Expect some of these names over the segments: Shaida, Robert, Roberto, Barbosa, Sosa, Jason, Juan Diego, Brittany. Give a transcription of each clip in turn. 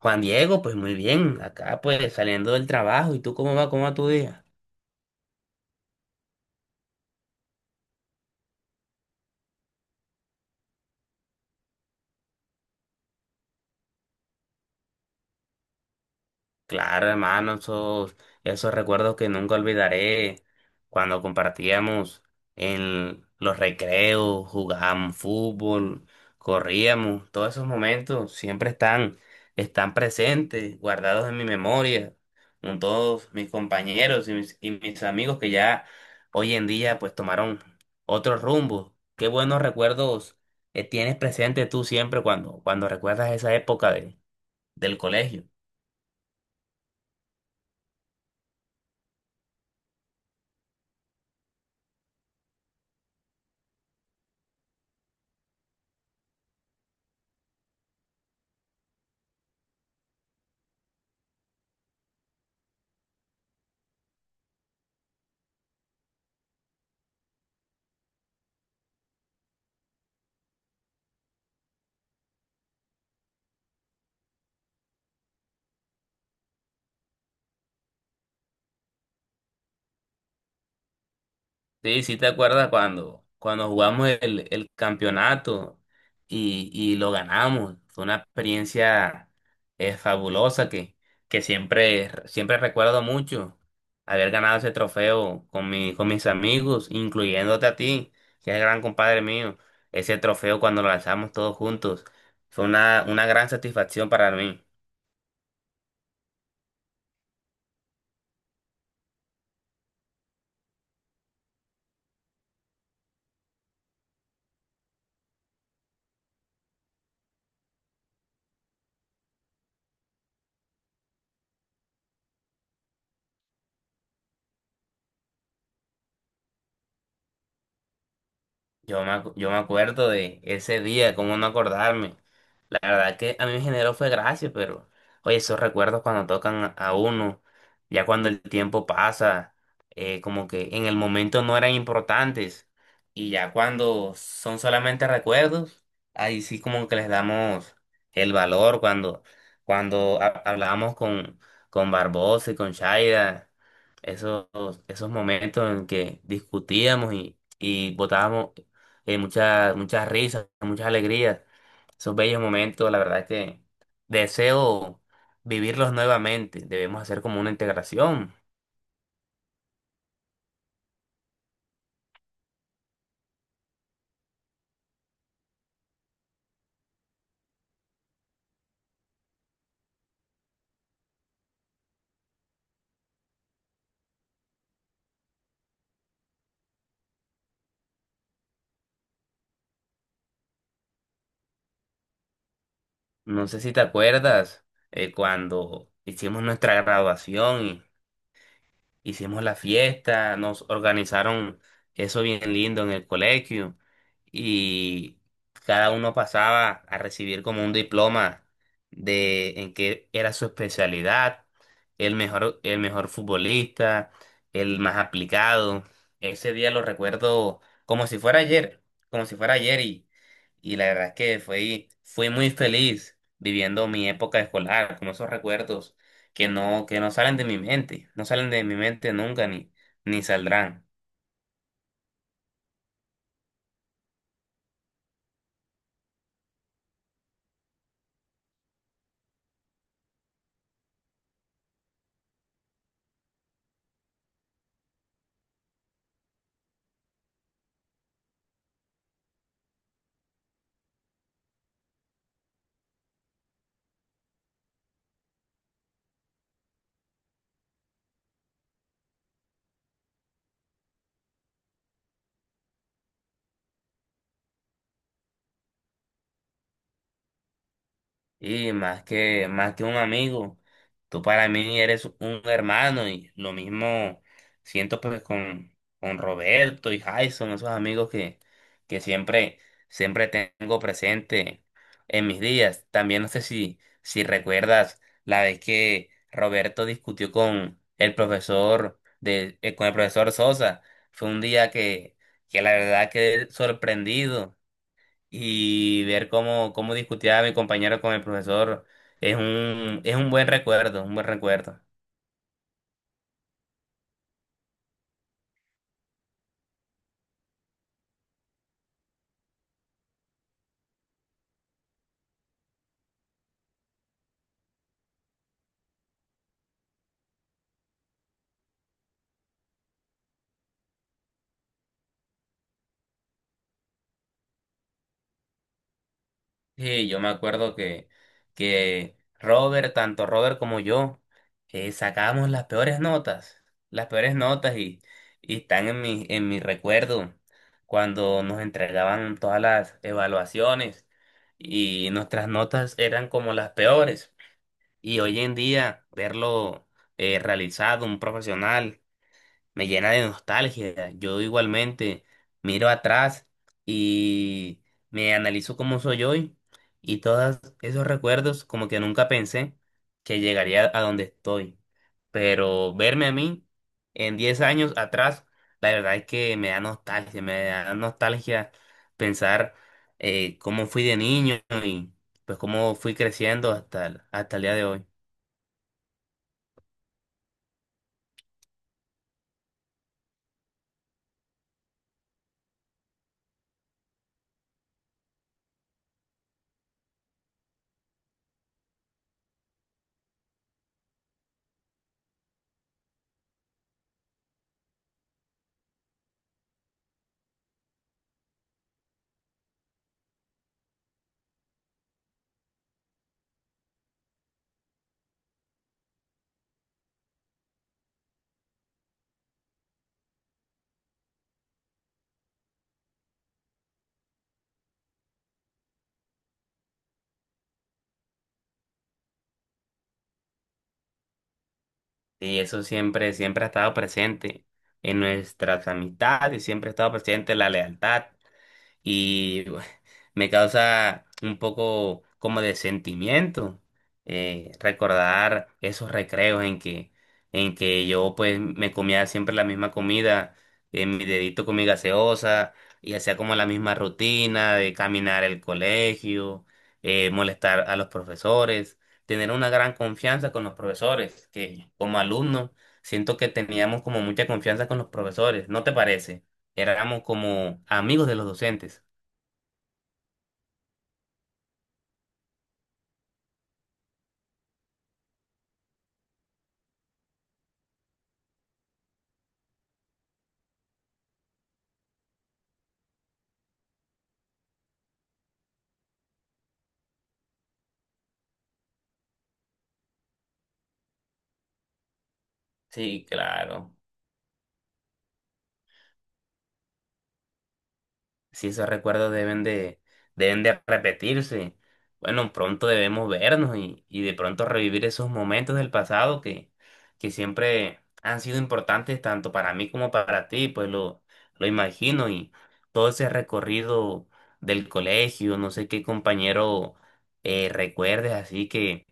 Juan Diego, pues muy bien, acá pues saliendo del trabajo, ¿y tú cómo va tu día? Claro, hermano, esos recuerdos que nunca olvidaré cuando compartíamos en los recreos, jugábamos fútbol, corríamos, todos esos momentos siempre están presentes, guardados en mi memoria, con todos mis compañeros y mis amigos que ya hoy en día pues tomaron otro rumbo. Qué buenos recuerdos tienes presente tú siempre cuando recuerdas esa época del colegio. Sí, sí te acuerdas cuando jugamos el campeonato y lo ganamos. Fue una experiencia fabulosa que siempre recuerdo mucho haber ganado ese trofeo con con mis amigos, incluyéndote a ti, que es gran compadre mío. Ese trofeo cuando lo lanzamos todos juntos fue una gran satisfacción para mí. Yo me acuerdo de ese día, cómo no acordarme. La verdad que a mí me generó fue gracia, pero oye, esos recuerdos cuando tocan a uno, ya cuando el tiempo pasa, como que en el momento no eran importantes y ya cuando son solamente recuerdos, ahí sí como que les damos el valor cuando hablábamos con Barbosa y con Shaida, esos, esos momentos en que discutíamos y botábamos muchas risas, muchas alegrías. Esos bellos momentos, la verdad que deseo vivirlos nuevamente. Debemos hacer como una integración. No sé si te acuerdas cuando hicimos nuestra graduación. Hicimos la fiesta, nos organizaron eso bien lindo en el colegio y cada uno pasaba a recibir como un diploma de en qué era su especialidad, el mejor futbolista, el más aplicado. Ese día lo recuerdo como si fuera ayer, como si fuera ayer y la verdad es que fui muy feliz viviendo mi época escolar, como esos recuerdos que no salen de mi mente, no salen de mi mente nunca ni, ni saldrán. Y más más que un amigo, tú para mí eres un hermano y lo mismo siento pues con Roberto y Jason, esos amigos que siempre tengo presente en mis días. También no sé si recuerdas la vez que Roberto discutió con el profesor de, con el profesor Sosa. Fue un día que la verdad quedé sorprendido y ver cómo discutía mi compañero con el profesor es es un buen recuerdo, un buen recuerdo. Sí, yo me acuerdo que Robert, tanto Robert como yo, sacábamos las peores notas y están en en mi recuerdo cuando nos entregaban todas las evaluaciones y nuestras notas eran como las peores. Y hoy en día verlo realizado, un profesional, me llena de nostalgia. Yo igualmente miro atrás y me analizo cómo soy hoy y todos esos recuerdos como que nunca pensé que llegaría a donde estoy. Pero verme a mí en 10 años atrás, la verdad es que me da nostalgia pensar cómo fui de niño y pues cómo fui creciendo hasta el día de hoy. Y eso siempre ha estado presente en nuestras amistades, siempre ha estado presente la lealtad y bueno, me causa un poco como de sentimiento recordar esos recreos en en que yo pues me comía siempre la misma comida, mi dedito con mi gaseosa y hacía como la misma rutina de caminar el colegio, molestar a los profesores, tener una gran confianza con los profesores, que como alumno siento que teníamos como mucha confianza con los profesores, ¿no te parece? Éramos como amigos de los docentes. Sí, claro. Si esos recuerdos deben de repetirse. Bueno, pronto debemos vernos y de pronto revivir esos momentos del pasado que siempre han sido importantes tanto para mí como para ti, pues lo imagino y todo ese recorrido del colegio, no sé qué compañero recuerdes, así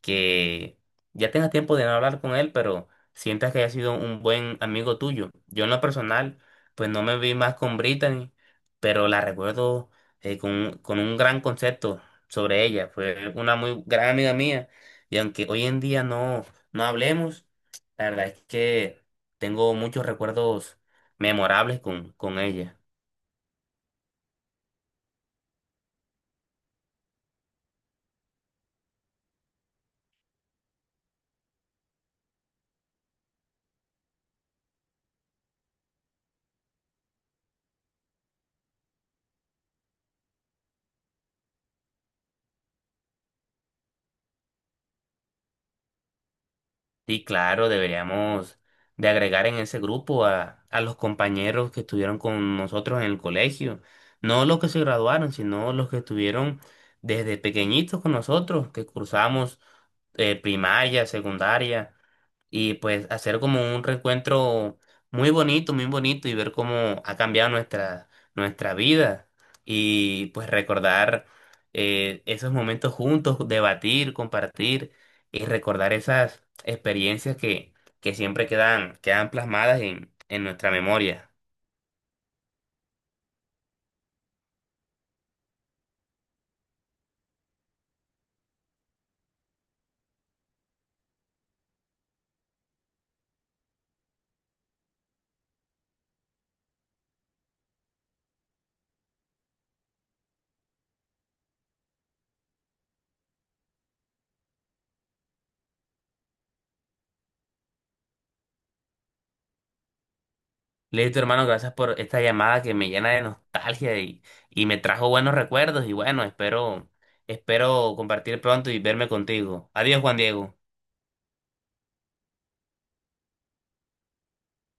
que ya tengas tiempo de no hablar con él, pero sientas que haya sido un buen amigo tuyo. Yo en lo personal, pues no me vi más con Brittany, pero la recuerdo con un gran concepto sobre ella. Fue una muy gran amiga mía y aunque hoy en día no hablemos, la verdad es que tengo muchos recuerdos memorables con ella. Sí, claro, deberíamos de agregar en ese grupo a los compañeros que estuvieron con nosotros en el colegio. No los que se graduaron, sino los que estuvieron desde pequeñitos con nosotros, que cursamos primaria, secundaria y pues hacer como un reencuentro muy bonito y ver cómo ha cambiado nuestra vida y pues recordar esos momentos juntos, debatir, compartir y recordar esas experiencias que siempre quedan plasmadas en nuestra memoria. Listo, hermano, gracias por esta llamada que me llena de nostalgia y me trajo buenos recuerdos y bueno, espero compartir pronto y verme contigo. Adiós, Juan Diego.